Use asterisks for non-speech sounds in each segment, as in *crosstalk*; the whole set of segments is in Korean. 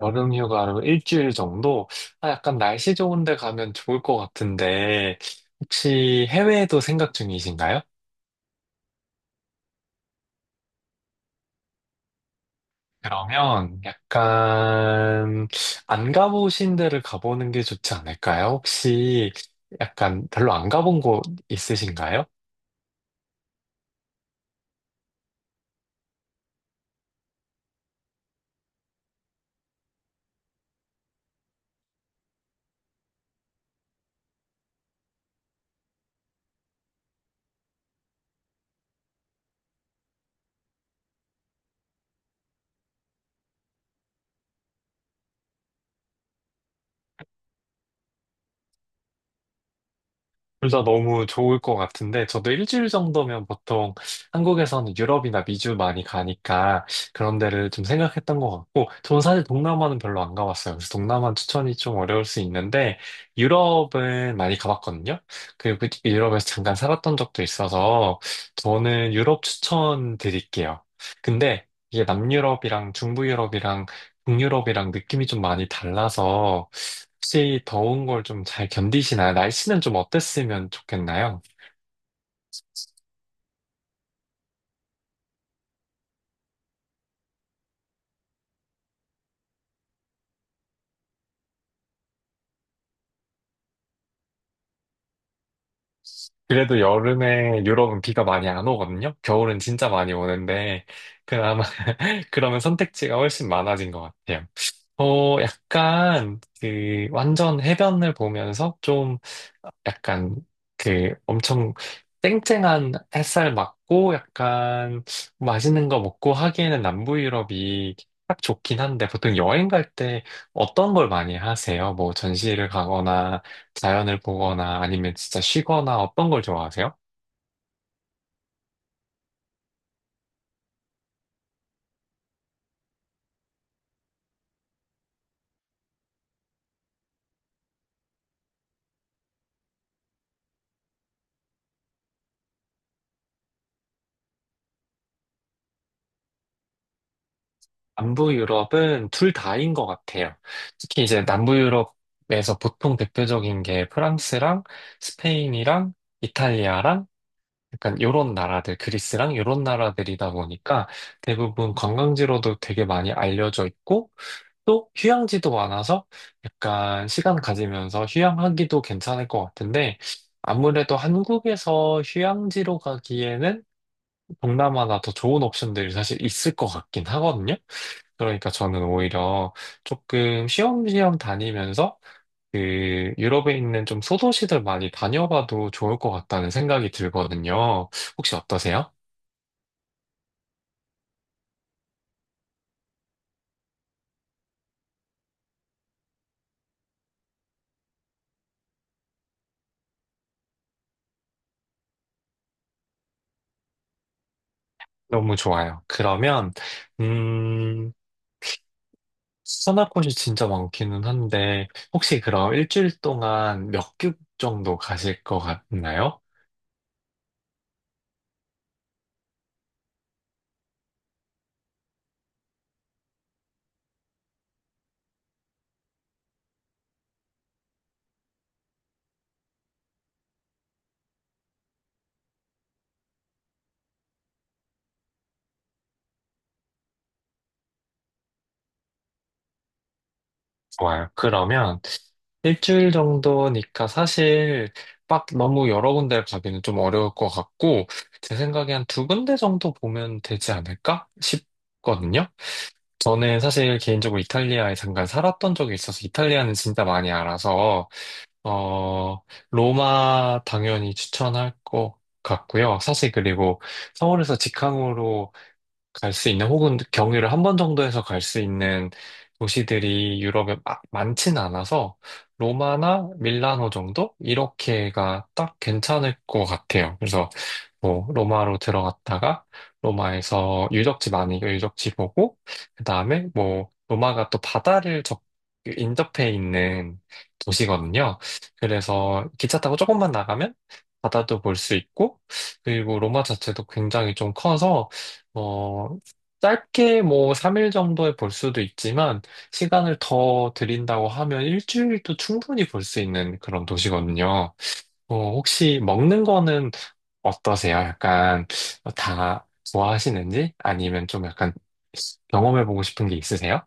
여름 휴가로 일주일 정도? 아, 약간 날씨 좋은 데 가면 좋을 것 같은데, 혹시 해외에도 생각 중이신가요? 그러면 약간 안 가보신 데를 가보는 게 좋지 않을까요? 혹시 약간 별로 안 가본 곳 있으신가요? 둘 다 너무 좋을 것 같은데, 저도 일주일 정도면 보통 한국에서는 유럽이나 미주 많이 가니까 그런 데를 좀 생각했던 것 같고, 저는 사실 동남아는 별로 안 가봤어요. 그래서 동남아 추천이 좀 어려울 수 있는데, 유럽은 많이 가봤거든요. 그리고 그 유럽에서 잠깐 살았던 적도 있어서, 저는 유럽 추천 드릴게요. 근데 이게 남유럽이랑 중부유럽이랑 북유럽이랑 느낌이 좀 많이 달라서 혹시 더운 걸 좀 잘 견디시나요? 날씨는 좀 어땠으면 좋겠나요? 그래도 여름에 유럽은 비가 많이 안 오거든요? 겨울은 진짜 많이 오는데 그나마 *laughs* 그러면 선택지가 훨씬 많아진 것 같아요. 완전 해변을 보면서 좀, 약간, 그, 엄청 쨍쨍한 햇살 맞고, 약간, 맛있는 거 먹고 하기에는 남부 유럽이 딱 좋긴 한데, 보통 여행 갈 때 어떤 걸 많이 하세요? 뭐, 전시를 가거나, 자연을 보거나, 아니면 진짜 쉬거나, 어떤 걸 좋아하세요? 남부 유럽은 둘 다인 것 같아요. 특히 이제 남부 유럽에서 보통 대표적인 게 프랑스랑 스페인이랑 이탈리아랑 약간 요런 나라들, 그리스랑 요런 나라들이다 보니까 대부분 관광지로도 되게 많이 알려져 있고 또 휴양지도 많아서 약간 시간 가지면서 휴양하기도 괜찮을 것 같은데 아무래도 한국에서 휴양지로 가기에는 동남아나 더 좋은 옵션들이 사실 있을 것 같긴 하거든요. 그러니까 저는 오히려 조금 쉬엄쉬엄 다니면서 그 유럽에 있는 좀 소도시들 많이 다녀봐도 좋을 것 같다는 생각이 들거든요. 혹시 어떠세요? 너무 좋아요. 그러면, 음, 추천할 곳이 진짜 많기는 한데, 혹시 그럼 일주일 동안 몇 개국 정도 가실 것 같나요? 좋아요. 그러면 일주일 정도니까 사실 막 너무 여러 군데 가기는 좀 어려울 것 같고, 제 생각에 한 두 군데 정도 보면 되지 않을까 싶거든요. 저는 사실 개인적으로 이탈리아에 잠깐 살았던 적이 있어서 이탈리아는 진짜 많이 알아서, 어, 로마 당연히 추천할 것 같고요. 사실 그리고 서울에서 직항으로 갈 수 있는 혹은 경유를 한 번 정도 해서 갈 수 있는 도시들이 유럽에 많진 않아서 로마나 밀라노 정도 이렇게가 딱 괜찮을 것 같아요. 그래서 뭐 로마로 들어갔다가 로마에서 유적지 보고 그다음에 뭐 로마가 또 바다를 적 인접해 있는 도시거든요. 그래서 기차 타고 조금만 나가면 바다도 볼 수 있고 그리고 로마 자체도 굉장히 좀 커서 어, 짧게 뭐 3일 정도에 볼 수도 있지만 시간을 더 드린다고 하면 일주일도 충분히 볼 수 있는 그런 도시거든요. 혹시 먹는 거는 어떠세요? 약간 다 좋아하시는지 아니면 좀 약간 경험해보고 싶은 게 있으세요?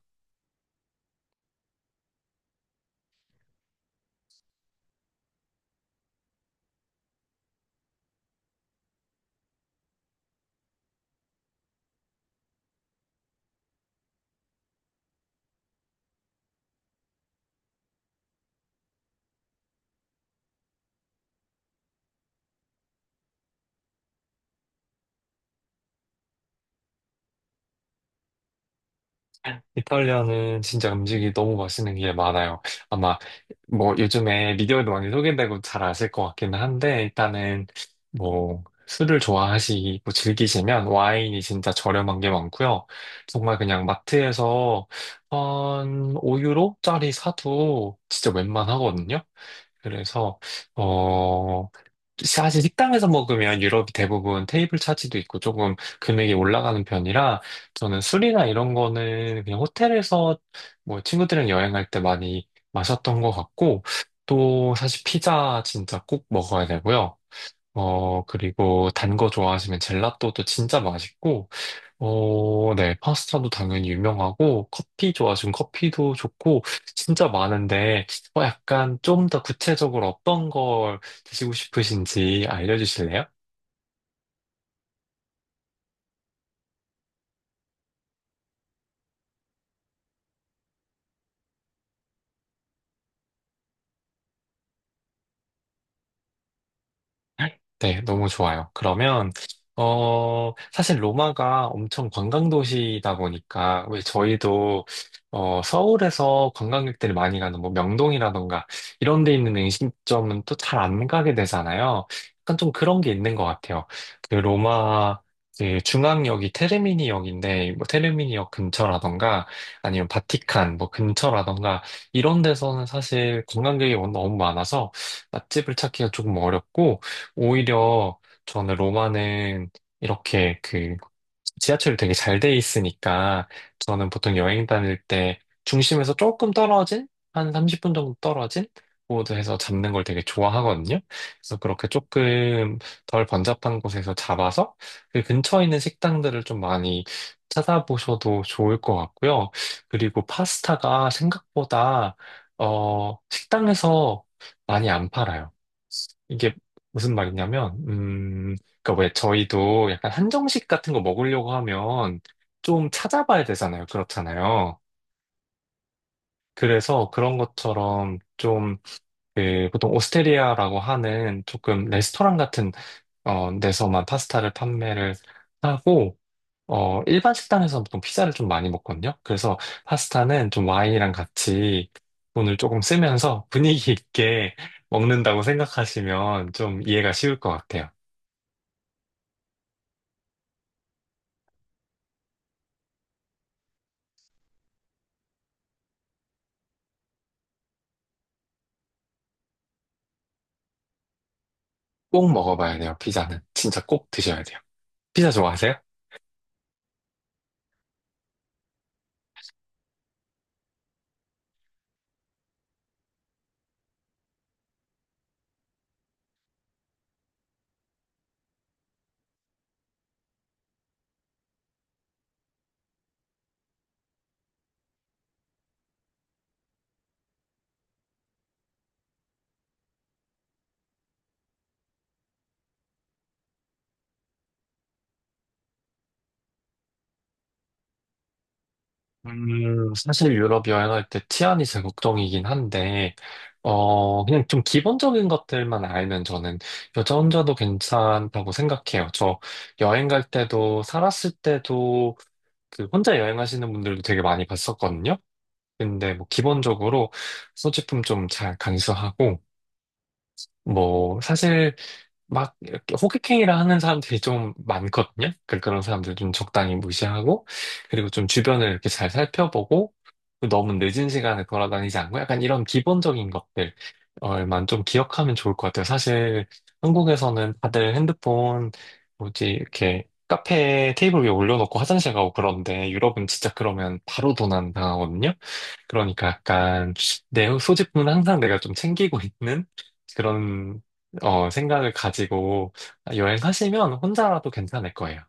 이탈리아는 진짜 음식이 너무 맛있는 게 많아요. 아마 뭐 요즘에 미디어에도 많이 소개되고 잘 아실 것 같기는 한데 일단은 뭐 술을 좋아하시고 즐기시면 와인이 진짜 저렴한 게 많고요. 정말 그냥 마트에서 한 5유로짜리 사도 진짜 웬만하거든요. 그래서 어 사실 식당에서 먹으면 유럽이 대부분 테이블 차지도 있고 조금 금액이 올라가는 편이라 저는 술이나 이런 거는 그냥 호텔에서 뭐 친구들이랑 여행할 때 많이 마셨던 것 같고 또 사실 피자 진짜 꼭 먹어야 되고요. 그리고 단 거 좋아하시면 젤라또도 진짜 맛있고 네. 파스타도 당연히 유명하고, 커피 좋아하시면 커피도 좋고, 진짜 많은데, 약간 좀 더 구체적으로 어떤 걸 드시고 싶으신지 알려주실래요? 네, 너무 좋아요. 그러면, 사실 로마가 엄청 관광도시다 보니까, 왜 저희도, 서울에서 관광객들이 많이 가는 뭐 명동이라던가, 이런 데 있는 음식점은 또 잘 안 가게 되잖아요. 약간 좀 그런 게 있는 것 같아요. 그 로마, 그 중앙역이 테르미니역인데, 뭐 테르미니역 근처라던가, 아니면 바티칸 뭐 근처라던가, 이런 데서는 사실 관광객이 너무 많아서 맛집을 찾기가 조금 어렵고, 오히려 저는 로마는 이렇게 그 지하철이 되게 잘 돼 있으니까 저는 보통 여행 다닐 때 중심에서 조금 떨어진 한 30분 정도 떨어진 곳에서 잡는 걸 되게 좋아하거든요. 그래서 그렇게 조금 덜 번잡한 곳에서 잡아서 그 근처에 있는 식당들을 좀 많이 찾아보셔도 좋을 것 같고요. 그리고 파스타가 생각보다 식당에서 많이 안 팔아요. 이게 무슨 말이냐면, 그니까 왜 저희도 약간 한정식 같은 거 먹으려고 하면 좀 찾아봐야 되잖아요. 그렇잖아요. 그래서 그런 것처럼 좀, 그, 보통 오스테리아라고 하는 조금 레스토랑 같은, 데서만 파스타를 판매를 하고, 일반 식당에서 보통 피자를 좀 많이 먹거든요. 그래서 파스타는 좀 와인이랑 같이 돈을 조금 쓰면서 분위기 있게 *laughs* 먹는다고 생각하시면 좀 이해가 쉬울 것 같아요. 꼭 먹어봐야 돼요, 피자는. 진짜 꼭 드셔야 돼요. 피자 좋아하세요? 사실 유럽 여행할 때 치안이 제 걱정이긴 한데, 그냥 좀 기본적인 것들만 알면 저는 여자 혼자도 괜찮다고 생각해요. 저 여행 갈 때도, 살았을 때도, 그 혼자 여행하시는 분들도 되게 많이 봤었거든요. 근데 뭐 기본적으로 소지품 좀 잘 간수하고, 뭐 사실 막 이렇게 호객행위를 하는 사람들이 좀 많거든요. 그런 사람들 좀 적당히 무시하고 그리고 좀 주변을 이렇게 잘 살펴보고 너무 늦은 시간에 돌아다니지 않고 약간 이런 기본적인 것들만 좀 기억하면 좋을 것 같아요. 사실 한국에서는 다들 핸드폰 뭐지 이렇게 카페 테이블 위에 올려놓고 화장실 가고 그런데 유럽은 진짜 그러면 바로 도난 당하거든요. 그러니까 약간 내 소지품은 항상 내가 좀 챙기고 있는 그런 생각을 가지고 여행하시면 혼자라도 괜찮을 거예요.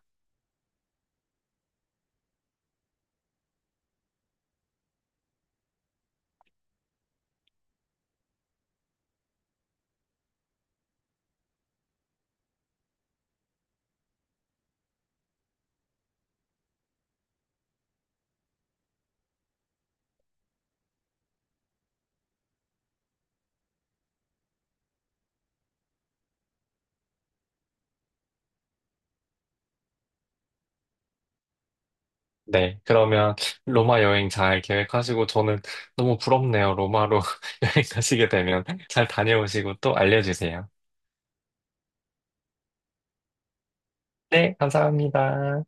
네, 그러면 로마 여행 잘 계획하시고 저는 너무 부럽네요. 로마로 *laughs* 여행 가시게 되면 잘 다녀오시고 또 알려주세요. 네, 감사합니다.